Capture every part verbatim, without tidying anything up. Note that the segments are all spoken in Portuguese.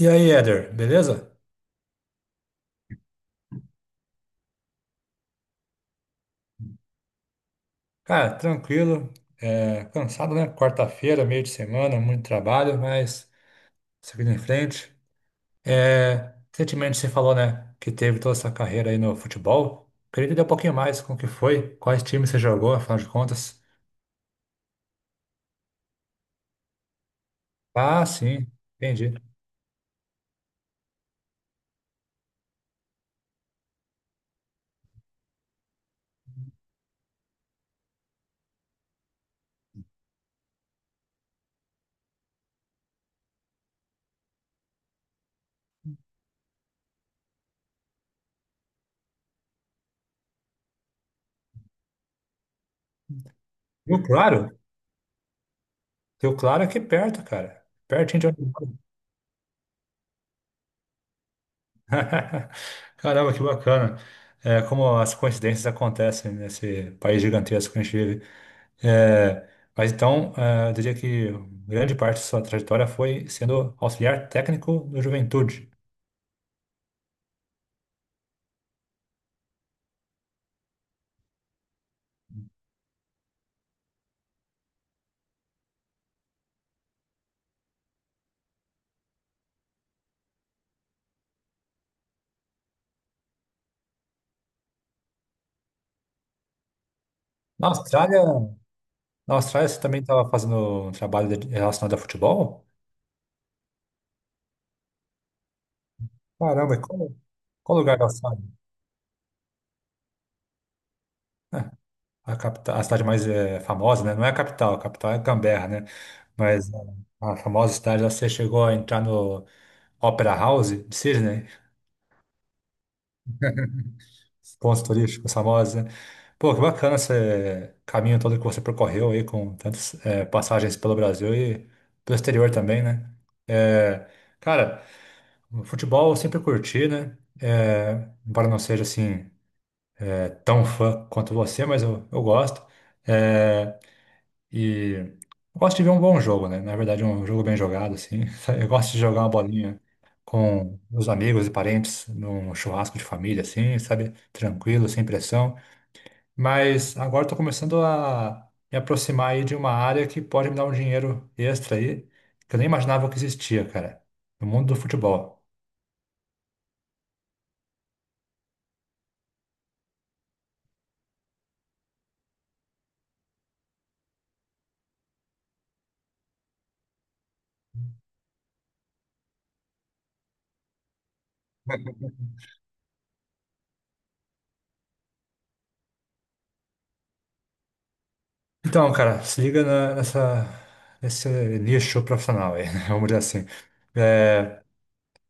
E aí, Éder, beleza? Cara, tranquilo, é, cansado, né? Quarta-feira, meio de semana, muito trabalho, mas seguindo em frente. É, recentemente você falou, né, que teve toda essa carreira aí no futebol. Queria entender um pouquinho mais com o que foi, quais times você jogou, afinal de contas. Ah, sim, entendi. Rio Claro? Rio Claro é aqui perto, cara. Pertinho de onde eu moro. Caramba, que bacana. É, como as coincidências acontecem nesse país gigantesco que a gente vive. É, mas então, é, eu diria que grande parte de sua trajetória foi sendo auxiliar técnico do Juventude. Na Austrália, Na Austrália você também estava fazendo um trabalho de- relacionado a futebol? Caramba, e qual, qual lugar da Austrália? É, a capital, a cidade mais é, famosa, né? Não é a capital, a capital é Canberra, né? Mas é, a famosa cidade lá, você chegou a entrar no Opera House de Sydney? Pontos turísticos, famosa. Pô, que bacana esse caminho todo que você percorreu aí com tantas eh, passagens pelo Brasil e pelo exterior também, né? Eh, Cara, o futebol eu sempre curti, né? Eh, embora não seja assim eh, tão fã quanto você, mas eu, eu gosto. Eh, e eu gosto de ver um bom jogo, né? Na verdade, um jogo bem jogado, assim. Eu gosto de jogar uma bolinha com os amigos e parentes num churrasco de família, assim, sabe? Tranquilo, sem pressão. Mas agora estou começando a me aproximar aí de uma área que pode me dar um dinheiro extra aí, que eu nem imaginava que existia, cara, no mundo do futebol. Então, cara, se liga na- nessa, nesse nicho profissional aí, né? Vamos dizer assim. É,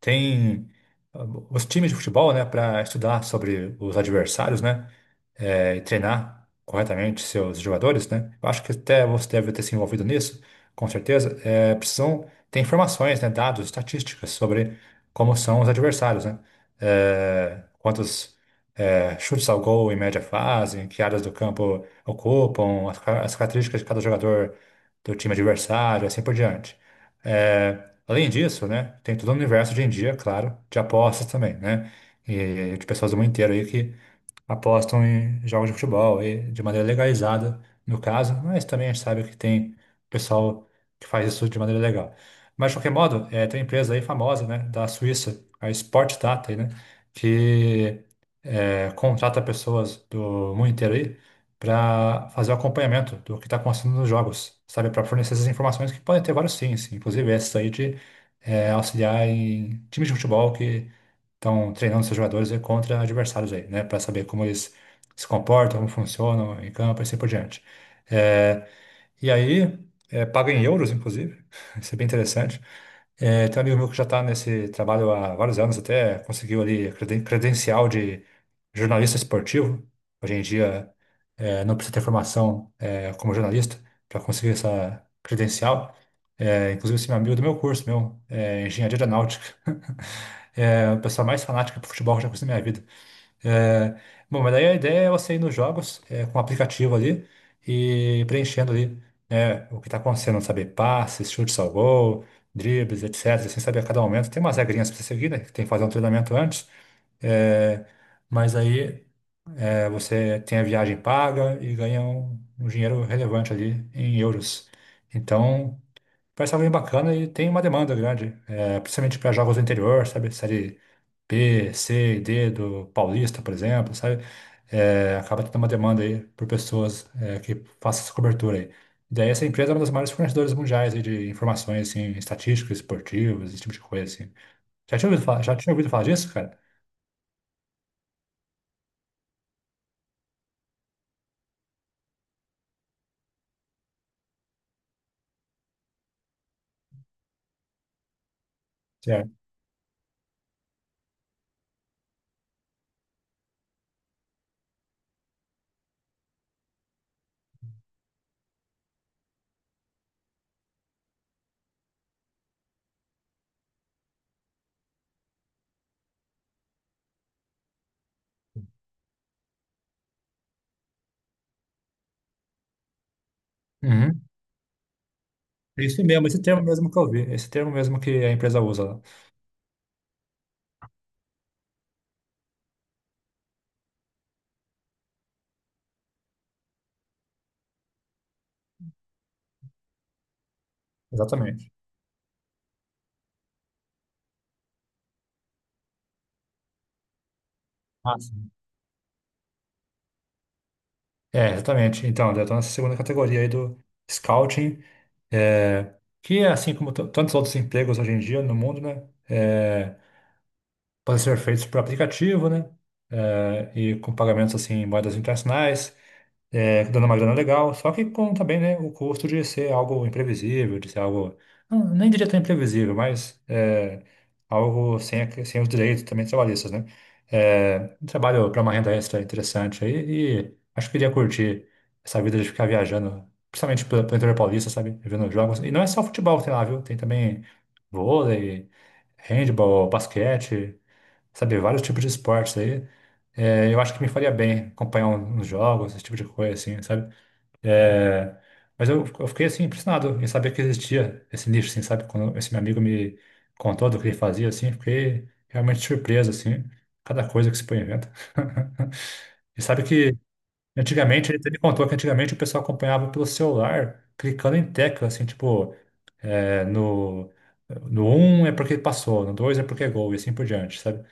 Tem ah, os times de futebol, né, para estudar sobre os adversários, né, eh, e treinar corretamente seus jogadores, né. Eu acho que até você deve ter se envolvido nisso, com certeza. Eh, precisam ter informações, né, dados, estatísticas sobre como são os adversários, né, Eh, quantos eh, chutes ao gol em média fazem, que áreas do campo ocupam, as, ca- as características de cada jogador do time adversário, assim por diante. Eh, Além disso, né, tem todo o universo hoje em dia, claro, de apostas também, né? E de pessoas do mundo inteiro aí que apostam em jogos de futebol e de maneira legalizada, no caso, mas também a gente sabe que tem pessoal que faz isso de maneira legal. Mas, de qualquer modo, é, tem uma empresa aí famosa, né, da Suíça, a Sport Data, aí, né, que é, contrata pessoas do mundo inteiro aí para fazer o acompanhamento do que está acontecendo nos jogos, sabe, para fornecer essas informações que podem ter vários fins, inclusive essa aí de é, auxiliar em times de futebol que estão treinando seus jogadores aí contra adversários aí, né? Para saber como eles se comportam, como funcionam em campo e assim por diante. É, e aí, é, paga em euros, inclusive. Isso é bem interessante. É, tem um amigo meu que já está nesse trabalho há vários anos, até conseguiu ali creden- credencial de jornalista esportivo. Hoje em dia, é, não precisa ter formação, é, como jornalista para conseguir essa credencial. É, inclusive, esse meu amigo do meu curso, meu, é engenharia aeronáutica. É, o pessoal mais fanático por futebol que eu já conheci na minha vida. É, Bom, mas daí a ideia é você ir nos jogos é, com o aplicativo ali e preenchendo ali né, o que está acontecendo, saber passes, chutes ao gol, dribles, et cetera. Sem saber a cada momento. Tem umas regrinhas para você seguir, né? Que tem que fazer um treinamento antes. É, mas aí é, você tem a viagem paga e ganha um, um dinheiro relevante ali em euros. Então, parece algo bem bacana e tem uma demanda grande, é, principalmente para jogos do interior, sabe? Série B, C e D do Paulista, por exemplo, sabe? É, acaba tendo uma demanda aí por pessoas é, que façam essa cobertura aí. Daí essa empresa é uma das maiores fornecedoras mundiais aí de informações assim, estatísticas, esportivas, esse tipo de coisa assim. Já tinha ouvido falar, já tinha ouvido falar disso, cara? Certo. Uhum. É isso mesmo, esse termo mesmo que eu vi, esse termo mesmo que a empresa usa lá. Exatamente. Ah, sim. É, exatamente. Então, eu tô nessa segunda categoria aí do scouting, é, que é assim como t- tantos outros empregos hoje em dia no mundo, né? É, podem ser feitos por aplicativo, né? É, e com pagamentos assim em moedas internacionais, é, dando uma grana legal, só que com também, né, o custo de ser algo imprevisível, de ser algo, não, nem diria tão imprevisível, mas é, algo sem, a- sem os direitos também trabalhistas, né? É, um trabalho para uma renda extra interessante aí e acho que iria curtir essa vida de ficar viajando, principalmente pelo pelo interior paulista, sabe? Vendo jogos. E não é só futebol que tem lá, viu? Tem também vôlei, handball, basquete sabe, vários tipos de esportes aí. É, eu acho que me faria bem acompanhar um, uns jogos, esse tipo de coisa, assim, sabe? É, mas eu, eu fiquei, assim, impressionado em saber que existia esse nicho, assim, sabe? Quando esse meu amigo me contou do que ele fazia, assim, fiquei realmente surpreso, assim, cada coisa que se põe inventa. E sabe que antigamente, ele até me contou que antigamente o pessoal acompanhava pelo celular, clicando em tecla, assim, tipo, é, no, no um é porque passou, no dois é porque é gol, e assim por diante, sabe?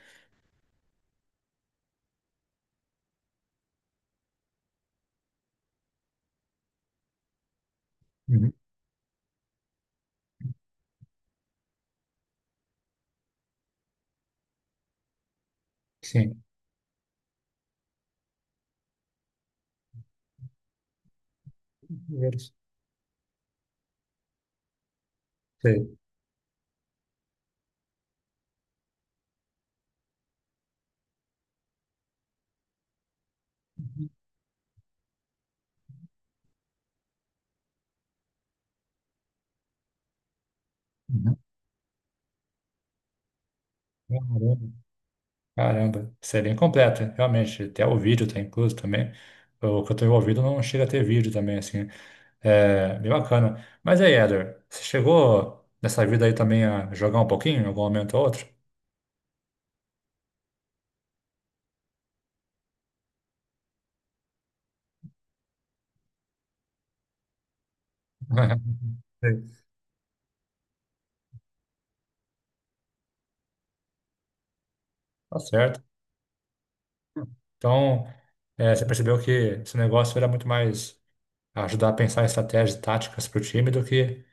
Uhum. Sim. Primeiro, sei. Uhum. Caramba, caramba, isso é bem completo, realmente. Até o vídeo tá incluso também. O que eu tô envolvido não chega a ter vídeo também, assim. É bem bacana. Mas aí, Eder, você chegou nessa vida aí também a jogar um pouquinho, em algum momento ou outro? Sei. Tá certo. Então, é, você percebeu que esse negócio era muito mais ajudar a pensar em estratégias táticas para o time do que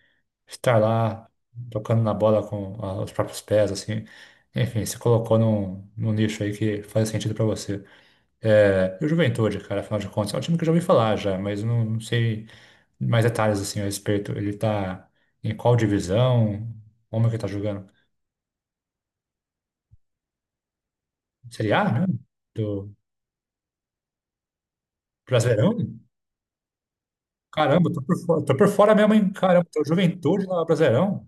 estar lá tocando na bola com a- os próprios pés, assim. Enfim, se colocou num, num nicho aí que faz sentido pra você. É, e o Juventude, cara, afinal de contas, é um time que eu já ouvi falar já, mas eu não, não sei mais detalhes assim a respeito. Ele tá em qual divisão? Como é que ele tá jogando? Série A mesmo? Do Brasileirão? Caramba, tô por fora, tô por fora mesmo, hein? Caramba, tô Juventude lá, Brasileirão?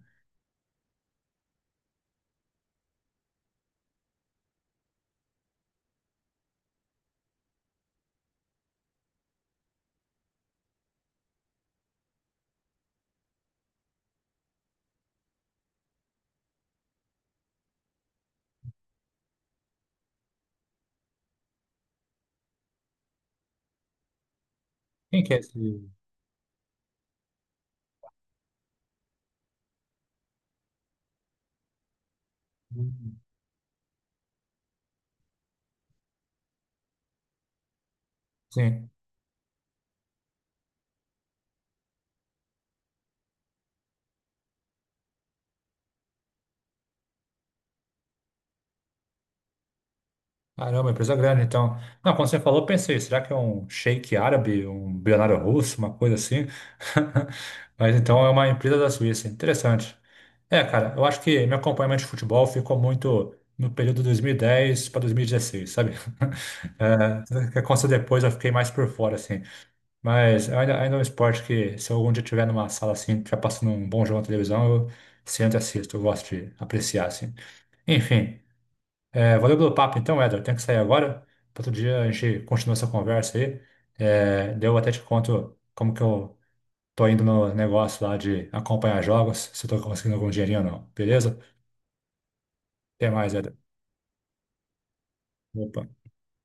Quem que é esse? Sim. Caramba, empresa grande, então. Não, quando você falou, eu pensei, será que é um sheik árabe, um bilionário russo, uma coisa assim? Mas então é uma empresa da Suíça, interessante. É, cara, eu acho que meu acompanhamento de futebol ficou muito no período dois mil e dez para dois mil e dezesseis, sabe? É, o que aconteceu depois eu fiquei mais por fora, assim. Mas é ainda, ainda é um esporte que, se eu algum dia estiver numa sala assim, já passando um bom jogo na televisão, eu sento e assisto, eu gosto de apreciar, assim. Enfim. É, valeu pelo papo, então, Éder. Tenho que sair agora. Outro dia a gente continua essa conversa aí. É, daí eu até te conto como que eu tô indo no negócio lá de acompanhar jogos, se eu tô conseguindo algum dinheirinho ou não. Beleza? Até mais, Éder. Opa.